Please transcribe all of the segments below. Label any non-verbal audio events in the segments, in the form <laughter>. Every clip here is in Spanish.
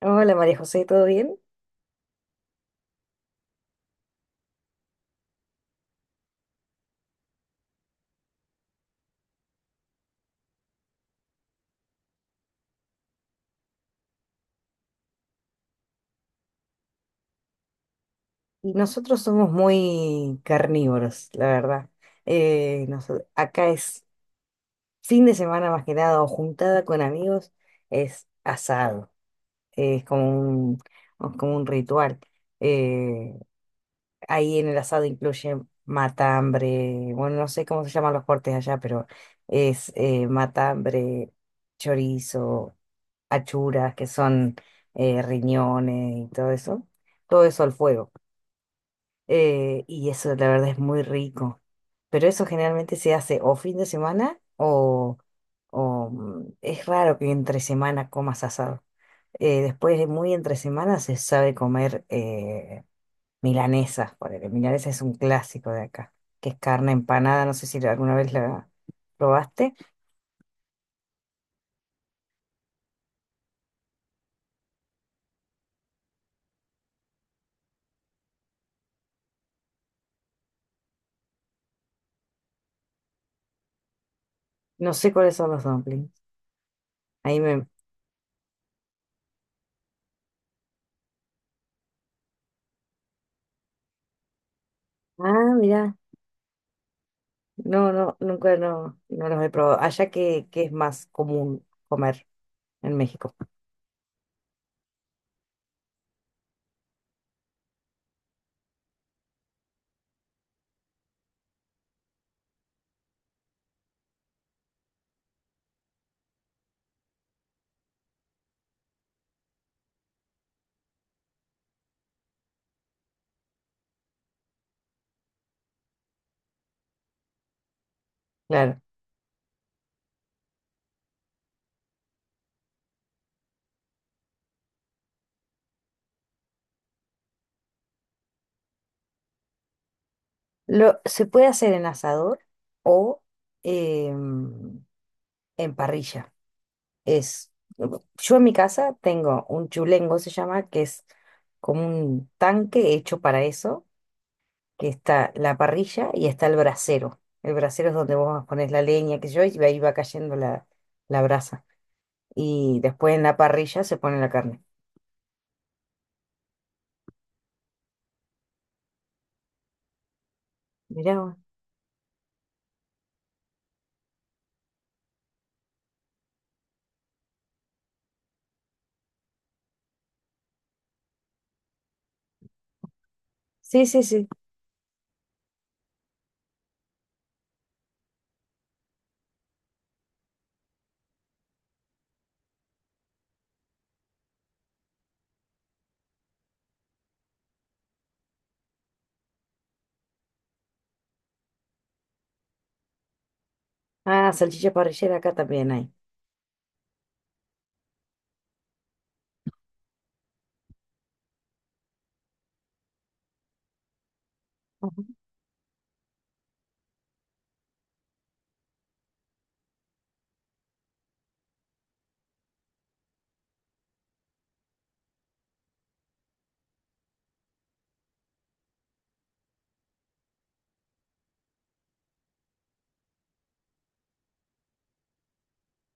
Hola María José, ¿todo bien? Y nosotros somos muy carnívoros, la verdad. Acá es fin de semana más que nada, o juntada con amigos, es asado. Es como un, es como un ritual. Eh, Ahí en el asado incluye matambre. Bueno, no sé cómo se llaman los cortes allá, pero es matambre, chorizo, achuras, que son riñones y todo eso. Todo eso al fuego. Y eso la verdad es muy rico. Pero eso generalmente se hace o fin de semana o, es raro que entre semana comas asado. Después de muy entre semana se sabe comer milanesas, porque milanesa es un clásico de acá, que es carne empanada. No sé si alguna vez la probaste. No sé cuáles son los dumplings. Ahí me... Ah, mira, no, no, nunca no los he probado. Allá que es más común comer en México. Claro. Lo, se puede hacer en asador o em, en parrilla. Es, yo en mi casa tengo un chulengo, se llama, que es como un tanque hecho para eso, que está la parrilla y está el brasero. El brasero es donde vos pones la leña, que yo, y ahí va cayendo la brasa. Y después en la parrilla se pone la carne. Mirá vos. Sí, sí, sí. Ah, salchicha parrillera acá también hay.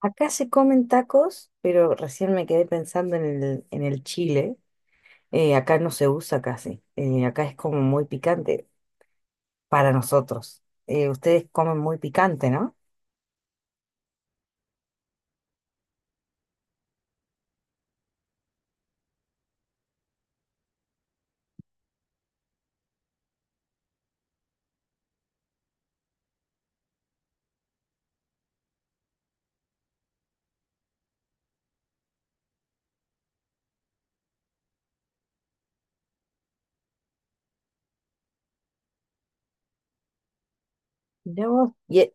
Acá se comen tacos, pero recién me quedé pensando en en el chile. Acá no se usa casi. Acá es como muy picante para nosotros. Ustedes comen muy picante, ¿no? Mirá vos.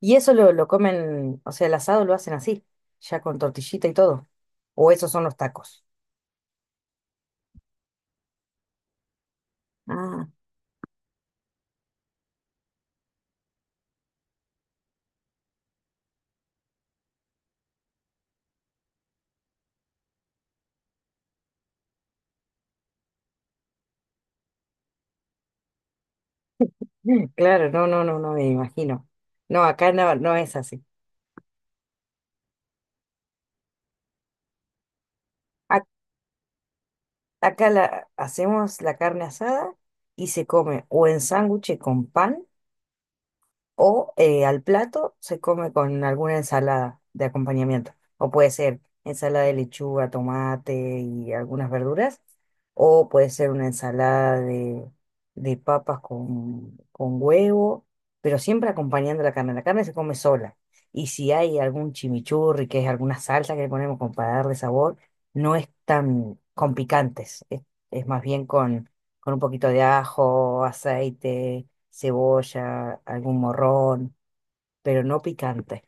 Y eso lo comen, o sea, el asado lo hacen así, ya con tortillita y todo. O esos son los tacos. Ah, <laughs> mm, claro, no, no, no, no me imagino. No, acá no, no es así. Ac- Acá la, hacemos la carne asada y se come o en sándwich con pan. O al plato se come con alguna ensalada de acompañamiento. O puede ser ensalada de lechuga, tomate y algunas verduras. O puede ser una ensalada de papas con huevo, pero siempre acompañando la carne. La carne se come sola. Y si hay algún chimichurri, que es alguna salsa que le ponemos con para darle sabor, no es tan con picantes. Es más bien con un poquito de ajo, aceite, cebolla, algún morrón, pero no picante.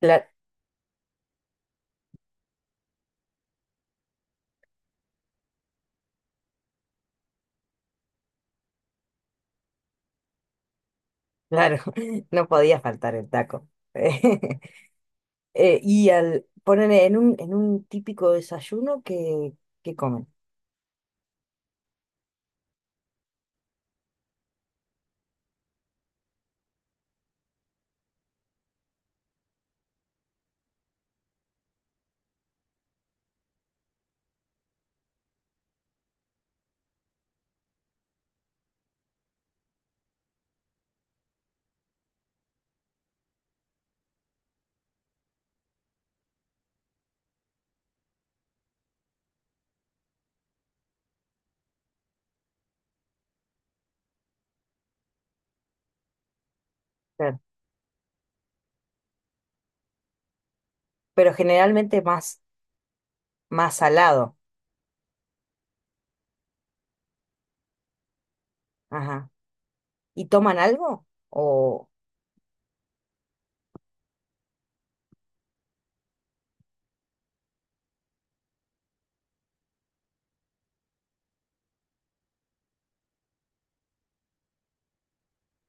Cla- Claro, <laughs> no podía faltar el taco. <laughs> Y al poner en un típico desayuno que comen. Claro. Pero generalmente más, más salado. Ajá. ¿Y toman algo? O,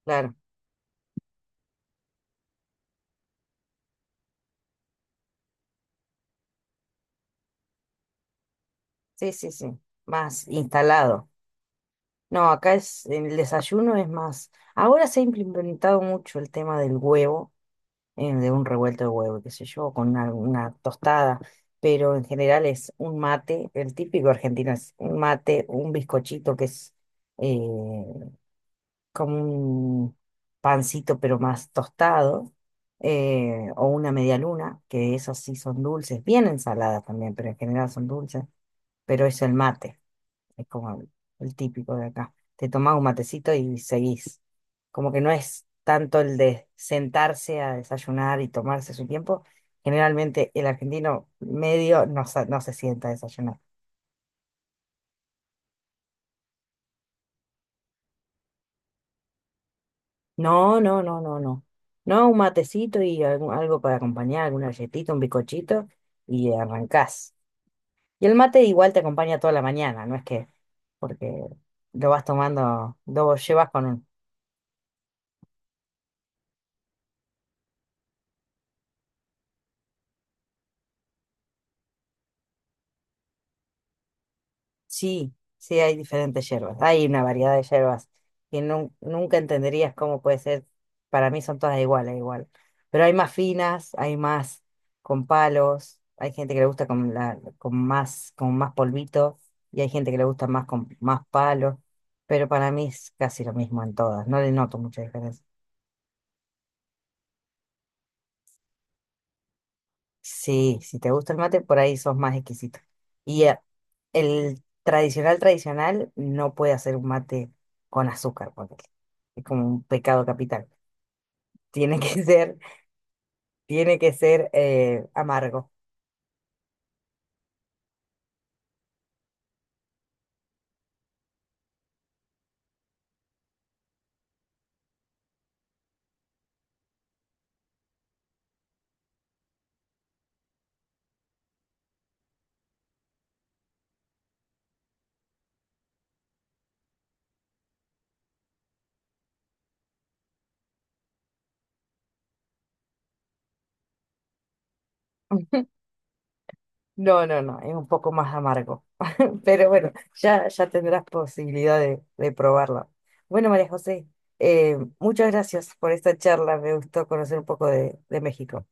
claro, sí, sí, sí, más instalado. No, acá es, en el desayuno es más. Ahora se ha implementado mucho el tema del huevo, de un revuelto de huevo, qué sé yo, con una tostada, pero en general es un mate. El típico argentino es un mate, un bizcochito que es eh, como un pancito pero más tostado, o una media luna, que esas sí son dulces, bien ensaladas también, pero en general son dulces, pero es el mate. Es como el típico de acá. Te tomas un matecito y seguís. Como que no es tanto el de sentarse a desayunar y tomarse su tiempo. Generalmente el argentino medio no, no se sienta a desayunar. No, no, no, no, no. No, un matecito y algo, algo para acompañar, alguna galletita, un bizcochito, y arrancás. Y el mate igual te acompaña toda la mañana, no es que porque lo vas tomando, lo llevas con... Sí, sí, hay diferentes hierbas, hay una variedad de hierbas que nunca entenderías cómo puede ser, para mí son todas iguales, igual, pero hay más finas, hay más con palos, hay gente que le gusta con más polvito, y hay gente que le gusta más con más palos, pero para mí es casi lo mismo en todas, no le noto mucha diferencia. Sí, si te gusta el mate, por ahí sos más exquisito. Y el tradicional tradicional no puede hacer un mate con azúcar, porque es como un pecado capital. Tiene que <laughs> ser, tiene que ser amargo. <laughs> No, no, no, es un poco más amargo. <laughs> Pero bueno, ya, ya tendrás posibilidad de probarlo. Bueno, María José, muchas gracias por esta charla. Me gustó conocer un poco de México.